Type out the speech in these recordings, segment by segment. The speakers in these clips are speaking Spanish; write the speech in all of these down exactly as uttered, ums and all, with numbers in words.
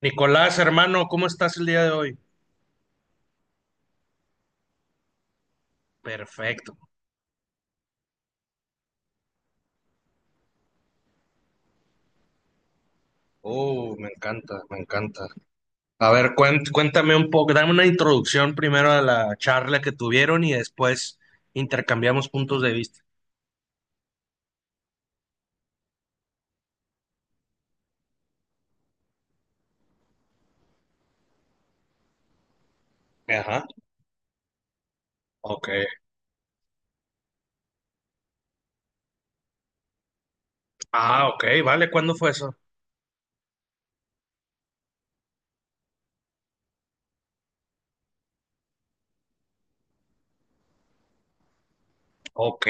Nicolás, hermano, ¿cómo estás el día de hoy? Perfecto. Oh, me encanta, me encanta. A ver, cuen- cuéntame un poco, dame una introducción primero a la charla que tuvieron y después intercambiamos puntos de vista. Ajá, ok. Ah, ok, vale, ¿cuándo fue eso? Ok,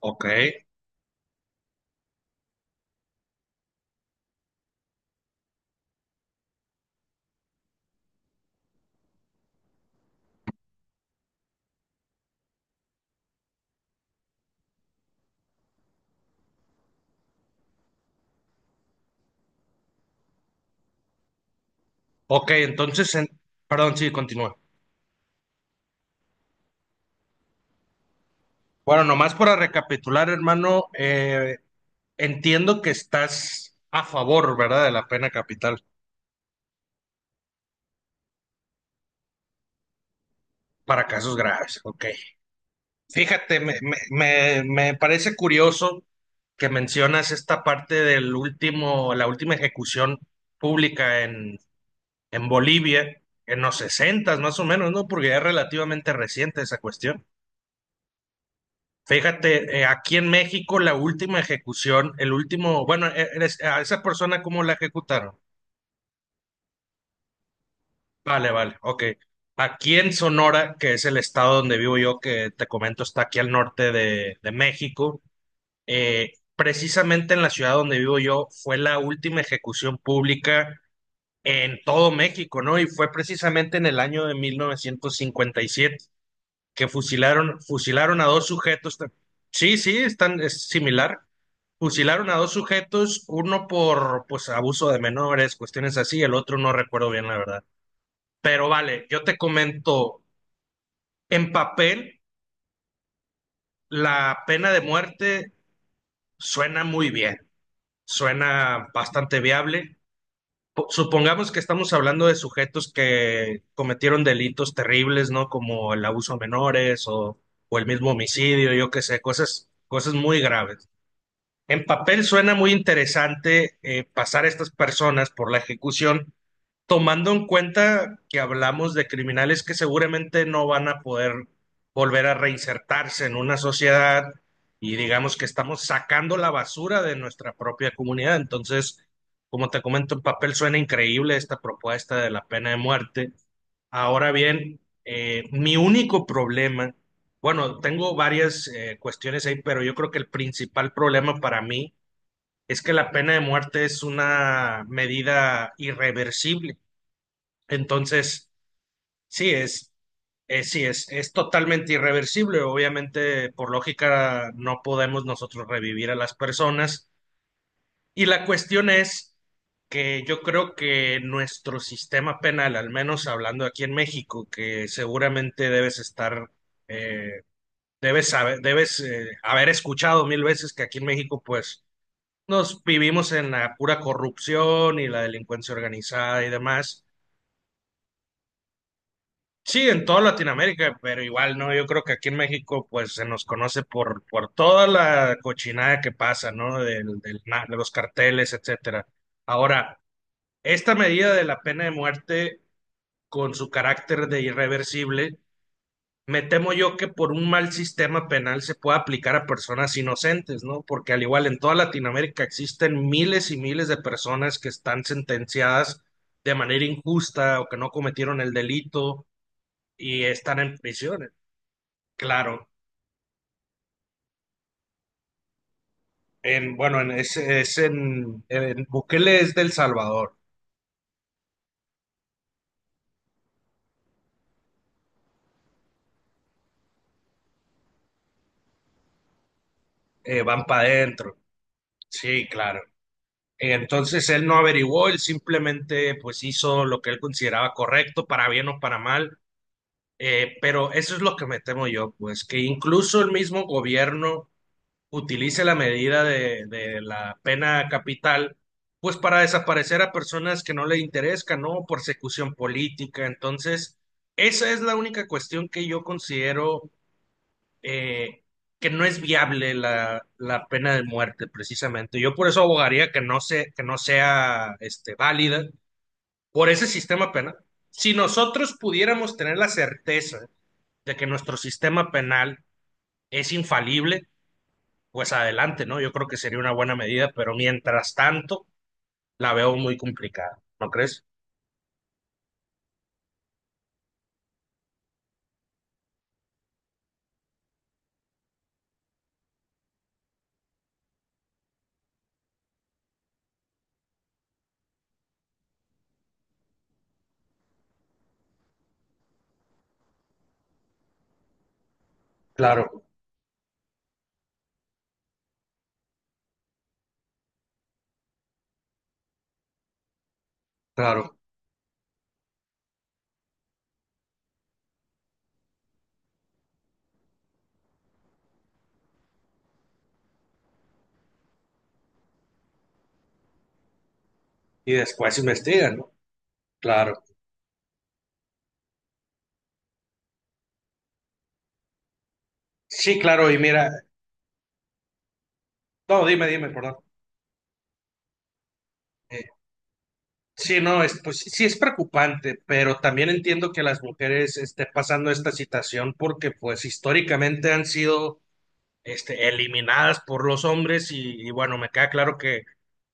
ok, ok, entonces, en- perdón, sí, continúa. Bueno, nomás para recapitular, hermano, eh, entiendo que estás a favor, ¿verdad?, de la pena capital para casos graves, ok. Fíjate, me, me- me- me parece curioso que mencionas esta parte del último, la última ejecución pública en, en Bolivia, en los sesentas más o menos, ¿no? Porque ya es relativamente reciente esa cuestión. Fíjate, eh, aquí en México la última ejecución, el último, bueno, e- eres- a esa persona ¿cómo la ejecutaron? Vale, vale, ok. Aquí en Sonora, que es el estado donde vivo yo, que te comento está aquí al norte de de México. Eh, precisamente en la ciudad donde vivo yo fue la última ejecución pública en todo México, ¿no? Y fue precisamente en el año de mil novecientos cincuenta y siete que fusilaron, fusilaron a dos sujetos. Ta- Sí, sí, están, es similar. Fusilaron a dos sujetos, uno por pues abuso de menores, cuestiones así, el otro no recuerdo bien la verdad. Pero vale, yo te comento, en papel la pena de muerte suena muy bien, suena bastante viable. Po- Supongamos que estamos hablando de sujetos que cometieron delitos terribles, ¿no? Como el abuso a menores o, o el mismo homicidio, yo qué sé, cosas, cosas muy graves. En papel suena muy interesante eh, pasar a estas personas por la ejecución, tomando en cuenta que hablamos de criminales que seguramente no van a poder volver a reinsertarse en una sociedad y digamos que estamos sacando la basura de nuestra propia comunidad. Entonces, como te comento, en papel suena increíble esta propuesta de la pena de muerte. Ahora bien, eh, mi único problema, bueno, tengo varias eh, cuestiones ahí, pero yo creo que el principal problema para mí es que la pena de muerte es una medida irreversible. Entonces, sí, es, es, sí, es, es totalmente irreversible. Obviamente, por lógica, no podemos nosotros revivir a las personas. Y la cuestión es que yo creo que nuestro sistema penal, al menos hablando aquí en México, que seguramente debes estar, eh, debes saber, debes eh, haber escuchado mil veces que aquí en México, pues, nos vivimos en la pura corrupción y la delincuencia organizada y demás. Sí, en toda Latinoamérica, pero igual no, yo creo que aquí en México pues se nos conoce por, por toda la cochinada que pasa, ¿no? Del, del na- de los carteles, etcétera. Ahora, esta medida de la pena de muerte con su carácter de irreversible, me temo yo que por un mal sistema penal se pueda aplicar a personas inocentes, ¿no? Porque al igual en toda Latinoamérica existen miles y miles de personas que están sentenciadas de manera injusta o que no cometieron el delito y están en prisión. Claro, en, bueno, en, es, es en, en Bukele es del Salvador, eh, van para adentro, sí, claro. Entonces él no averiguó, él simplemente pues hizo lo que él consideraba correcto, para bien o para mal, eh, pero eso es lo que me temo yo, pues que incluso el mismo gobierno utilice la medida de, de la pena capital pues para desaparecer a personas que no le interesan, ¿no? Persecución política, entonces... Esa es la única cuestión que yo considero eh, que no es viable la, la pena de muerte, precisamente. Yo por eso abogaría que no se, que no sea este, válida por ese sistema penal. Si nosotros pudiéramos tener la certeza de que nuestro sistema penal es infalible, pues adelante, ¿no? Yo creo que sería una buena medida, pero mientras tanto la veo muy complicada, ¿no crees? Claro, claro. Y después investigan, ¿no? Claro. Sí, claro, y mira, no, dime, dime, perdón. Sí, no, es, pues sí sí es preocupante, pero también entiendo que las mujeres estén pasando esta situación porque pues históricamente han sido este, eliminadas por los hombres y, y, bueno, me queda claro que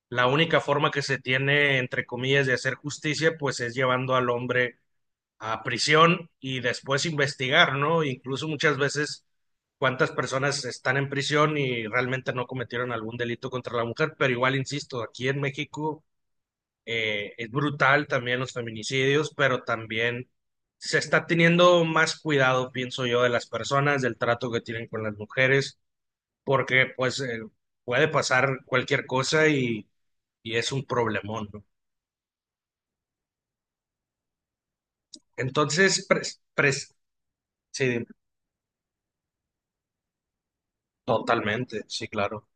la única forma que se tiene, entre comillas, de hacer justicia pues es llevando al hombre a prisión y después investigar, ¿no? Incluso muchas veces cuántas personas están en prisión y realmente no cometieron algún delito contra la mujer, pero igual, insisto, aquí en México eh, es brutal también los feminicidios, pero también se está teniendo más cuidado, pienso yo, de las personas, del trato que tienen con las mujeres, porque pues eh, puede pasar cualquier cosa y, y es un problemón, ¿no? Entonces, pres- pres- sí, totalmente, sí, claro.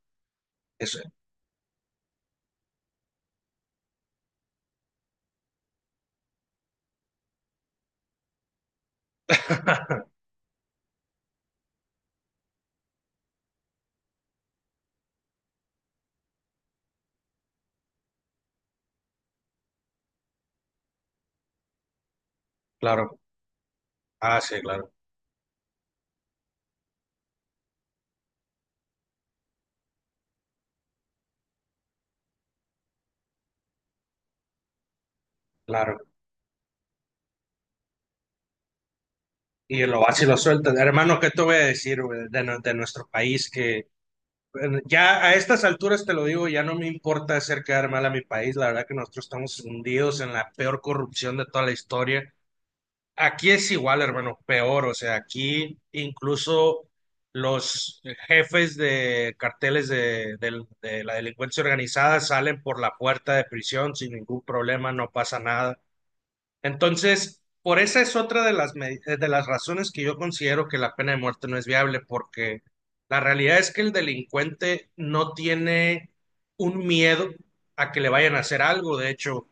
Eso. Claro, ah, sí, claro, claro. Y lo vas y lo sueltas. Hermano, ¿qué te voy a decir, güey, de, nu- de nuestro país que... Bueno, ya a estas alturas te lo digo, ya no me importa hacer quedar mal a mi país. La verdad que nosotros estamos hundidos en la peor corrupción de toda la historia. Aquí es igual, hermano, peor. O sea, aquí incluso los jefes de carteles de, del- de la delincuencia organizada salen por la puerta de prisión sin ningún problema, no pasa nada. Entonces, por esa es otra de las, me- eh, de las razones que yo considero que la pena de muerte no es viable, porque la realidad es que el delincuente no tiene un miedo a que le vayan a hacer algo. De hecho,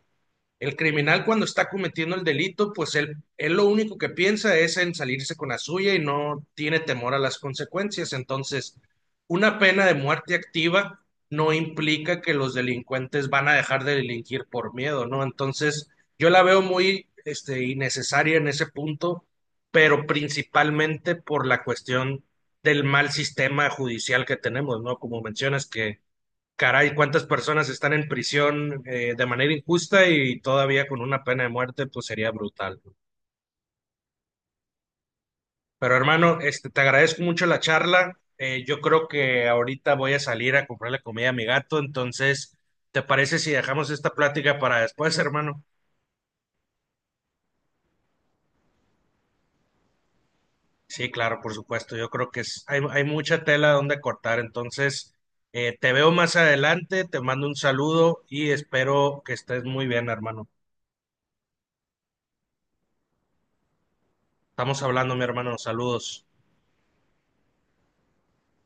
el criminal cuando está cometiendo el delito, pues él, él lo único que piensa es en salirse con la suya y no tiene temor a las consecuencias. Entonces, una pena de muerte activa no implica que los delincuentes van a dejar de delinquir por miedo, ¿no? Entonces, yo la veo muy, este, innecesaria en ese punto, pero principalmente por la cuestión del mal sistema judicial que tenemos, ¿no? Como mencionas que caray, cuántas personas están en prisión eh, de manera injusta y todavía con una pena de muerte, pues sería brutal. ¿No? Pero hermano, este, te agradezco mucho la charla. Eh, yo creo que ahorita voy a salir a comprarle comida a mi gato, entonces, ¿te parece si dejamos esta plática para después, hermano? Sí, claro, por supuesto. Yo creo que es- hay, hay mucha tela donde cortar, entonces, eh, te veo más adelante, te mando un saludo y espero que estés muy bien, hermano. Estamos hablando, mi hermano. Saludos.